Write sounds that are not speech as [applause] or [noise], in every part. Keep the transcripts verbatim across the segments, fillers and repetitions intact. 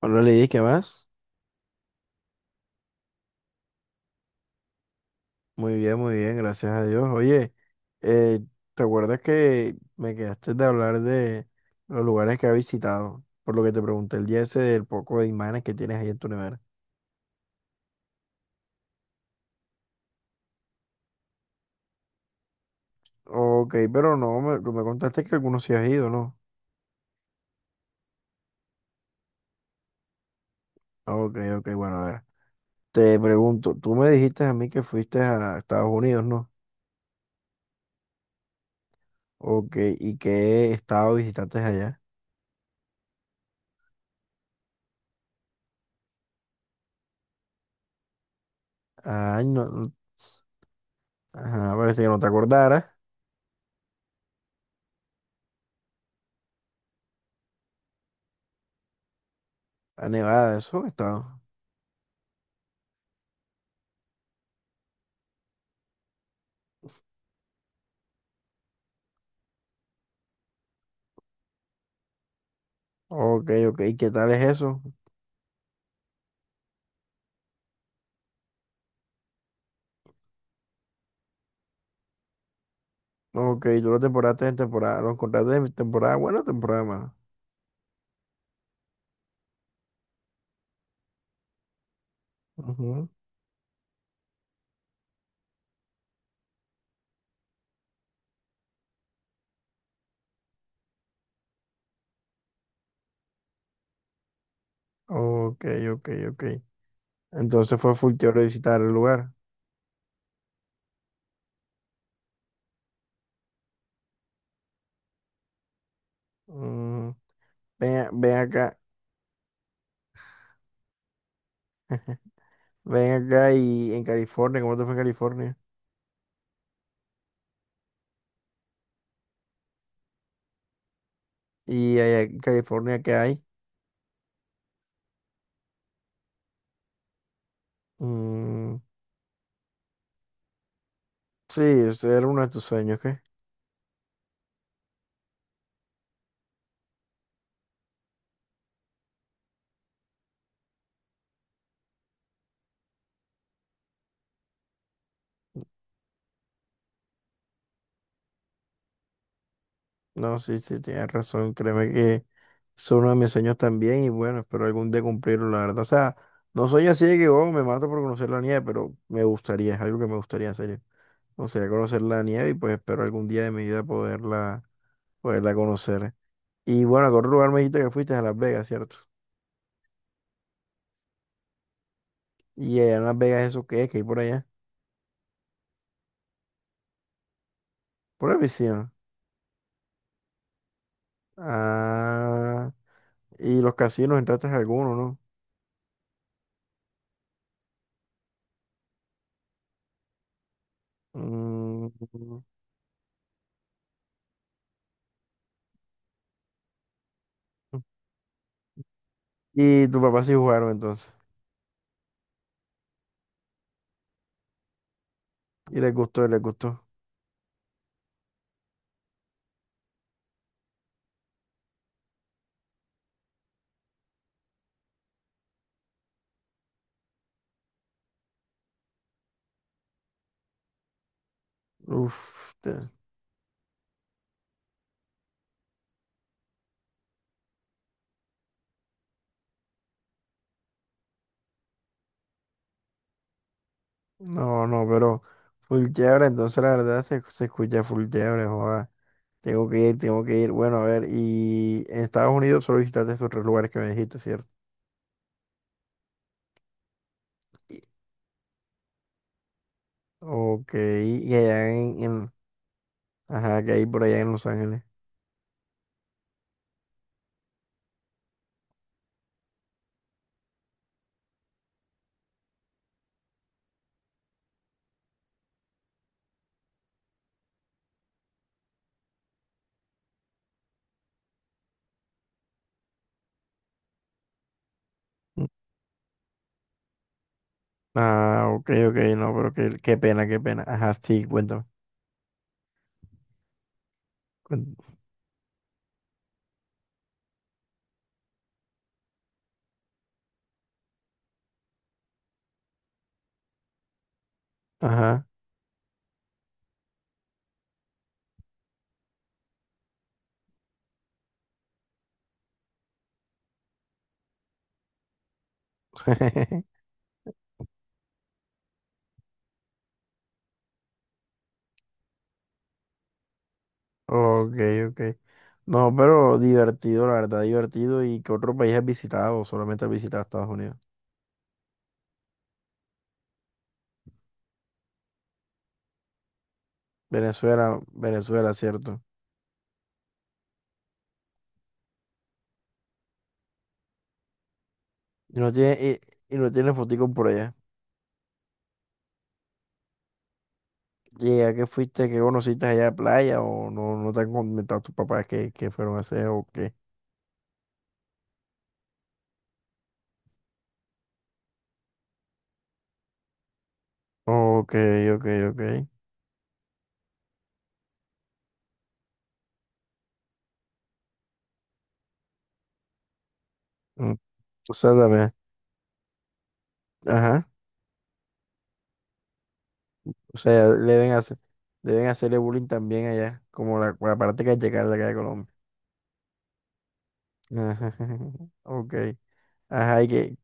Hola Lidis, ¿qué más? Muy bien, muy bien, gracias a Dios. Oye, eh, ¿te acuerdas que me quedaste de hablar de los lugares que has visitado? Por lo que te pregunté el día ese del poco de imanes que tienes ahí en tu nevera. Ok, pero no, me, tú me contaste que algunos sí has ido, ¿no? Ok, ok, bueno, a ver. Te pregunto, tú me dijiste a mí que fuiste a Estados Unidos, ¿no? Ok, ¿y qué estado visitaste allá? Ay, no, no- ajá, parece que no te acordaras. A Nevada, eso, estado. Ok, ok, ¿qué tal es eso? Ok, tú lo temporaste en temporada, lo encontraste de temporada buena o temporada mala. Ujú. Ok, ok, ok. Entonces fue full teórico de visitar el lugar. Mm, Ven, a- ven acá, [laughs] ven acá y en California, ¿cómo te fue en California? Y allá en California, ¿qué hay? Mm. Sí, ese era uno de tus sueños. No, sí, sí, tienes razón. Créeme que es uno de mis sueños también y bueno, espero algún día cumplirlo, la verdad. O sea, no soy así de que oh, me mato por conocer la nieve, pero me gustaría, es algo que me gustaría hacer. eh. Me gustaría conocer la nieve y pues espero algún día de mi vida poderla, poderla conocer. Y bueno, ¿a qué otro lugar me dijiste que fuiste? A Las Vegas, ¿cierto? Y allá en Las Vegas, ¿eso qué es? ¿Qué hay por allá? Por la piscina. Ah, y los casinos, entraste a alguno, ¿no? Mm. Y tu papá sí jugaron entonces. Y les gustó, les gustó. Uf, te- no, no, pero full chévere, entonces la verdad se, se escucha full chévere, joda. Tengo que ir, tengo que ir. Bueno, a ver, y en Estados Unidos solo visitaste estos tres lugares que me dijiste, ¿cierto? Y- Ok, y allá en, en- ajá, ¿que hay por allá en Los Ángeles? Mm. Ah, ok, ok, no, pero qué, qué pena, qué pena. Ajá, sí, cuéntame. cuen- Ajá. [laughs] Ok, ok. No, pero divertido, la verdad, divertido. ¿Y qué otro país has visitado? ¿O solamente has visitado Estados Unidos? Venezuela, Venezuela, cierto. Y no tiene, y, y no tiene fotico por allá. ¿Y a qué fuiste? ¿Qué conociste allá de playa? ¿O no, no te han comentado tus papás qué, qué fueron a hacer o qué? Ok, ok, ok. Mm. O sea, también. Ajá. O sea, le deben hacer, deben hacerle bullying también allá, como la, la parte callejera de acá de Colombia. Ajá. [laughs] Ok. Ajá, y que,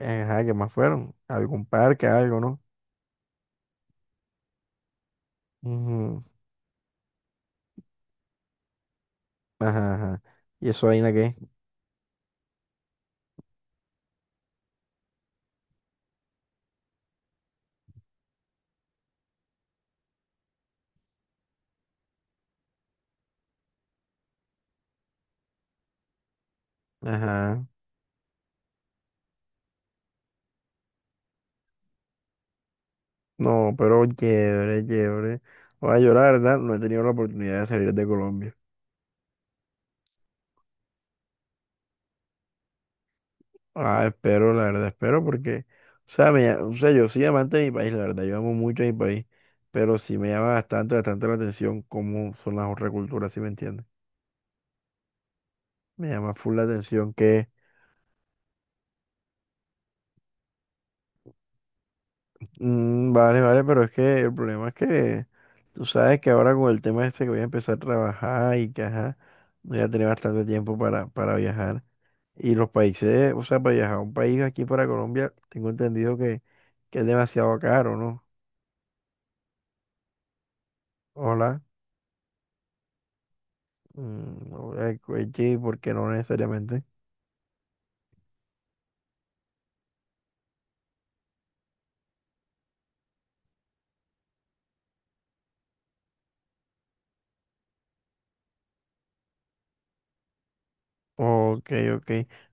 ajá, ¿qué más fueron? ¿Algún parque, algo, no? Ujú. Ajá, ajá. ¿Y eso ahí en qué? Ajá. No, pero chévere, chévere. Oye, yo la verdad no he tenido la oportunidad de salir de Colombia. Ah, espero, la verdad, espero porque, o sea, me, ll- o sea, yo soy amante de mi país, la verdad, yo amo mucho a mi país, pero sí me llama bastante, bastante la atención ¿cómo son las otras culturas, si me entiendes? Me llama full la atención que, mm, vale, vale, pero es que el problema es que tú sabes que ahora con el tema este que voy a empezar a trabajar y que, ajá, voy a tener bastante tiempo para, para viajar. Y los países, o sea, para viajar a un país aquí para Colombia, tengo entendido que, que es demasiado caro, ¿no? Hola, mm, o- eh, eh, sí, porque no necesariamente. Ok, ok.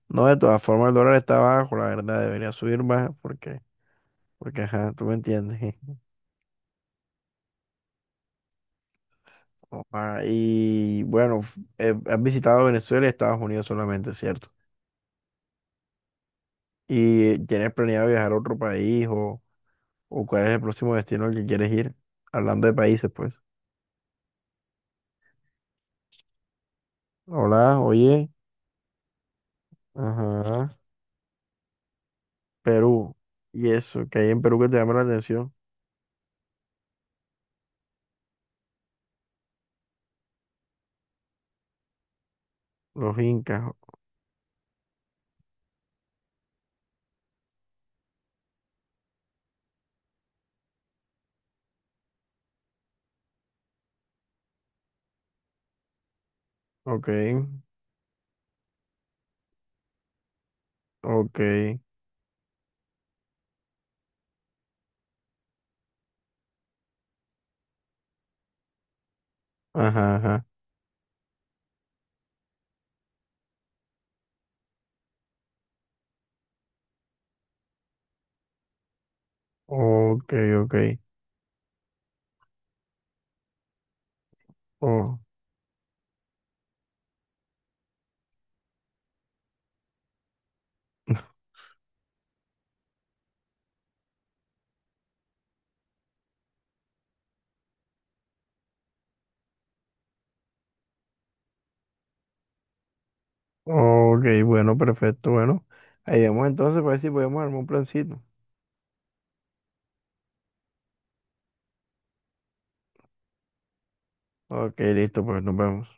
No, de todas formas el dólar está bajo, la verdad, debería subir más porque, porque, ajá, tú me entiendes. [laughs] Opa, y bueno, f- eh, has visitado Venezuela y Estados Unidos solamente, ¿cierto? ¿Y tienes planeado viajar a otro país? ¿O o cuál es el próximo destino al que quieres ir? Hablando de países, pues. Hola, oye. Ajá, Perú. Y eso, ¿que hay en Perú que te llama la atención? Los incas. Ok, ok. Ajá, ajá. Ok, ok. Oh, [laughs] ok, bueno, perfecto. Bueno, ahí vamos entonces para ver si podemos armar un plancito. Ok, listo, pues nos vemos.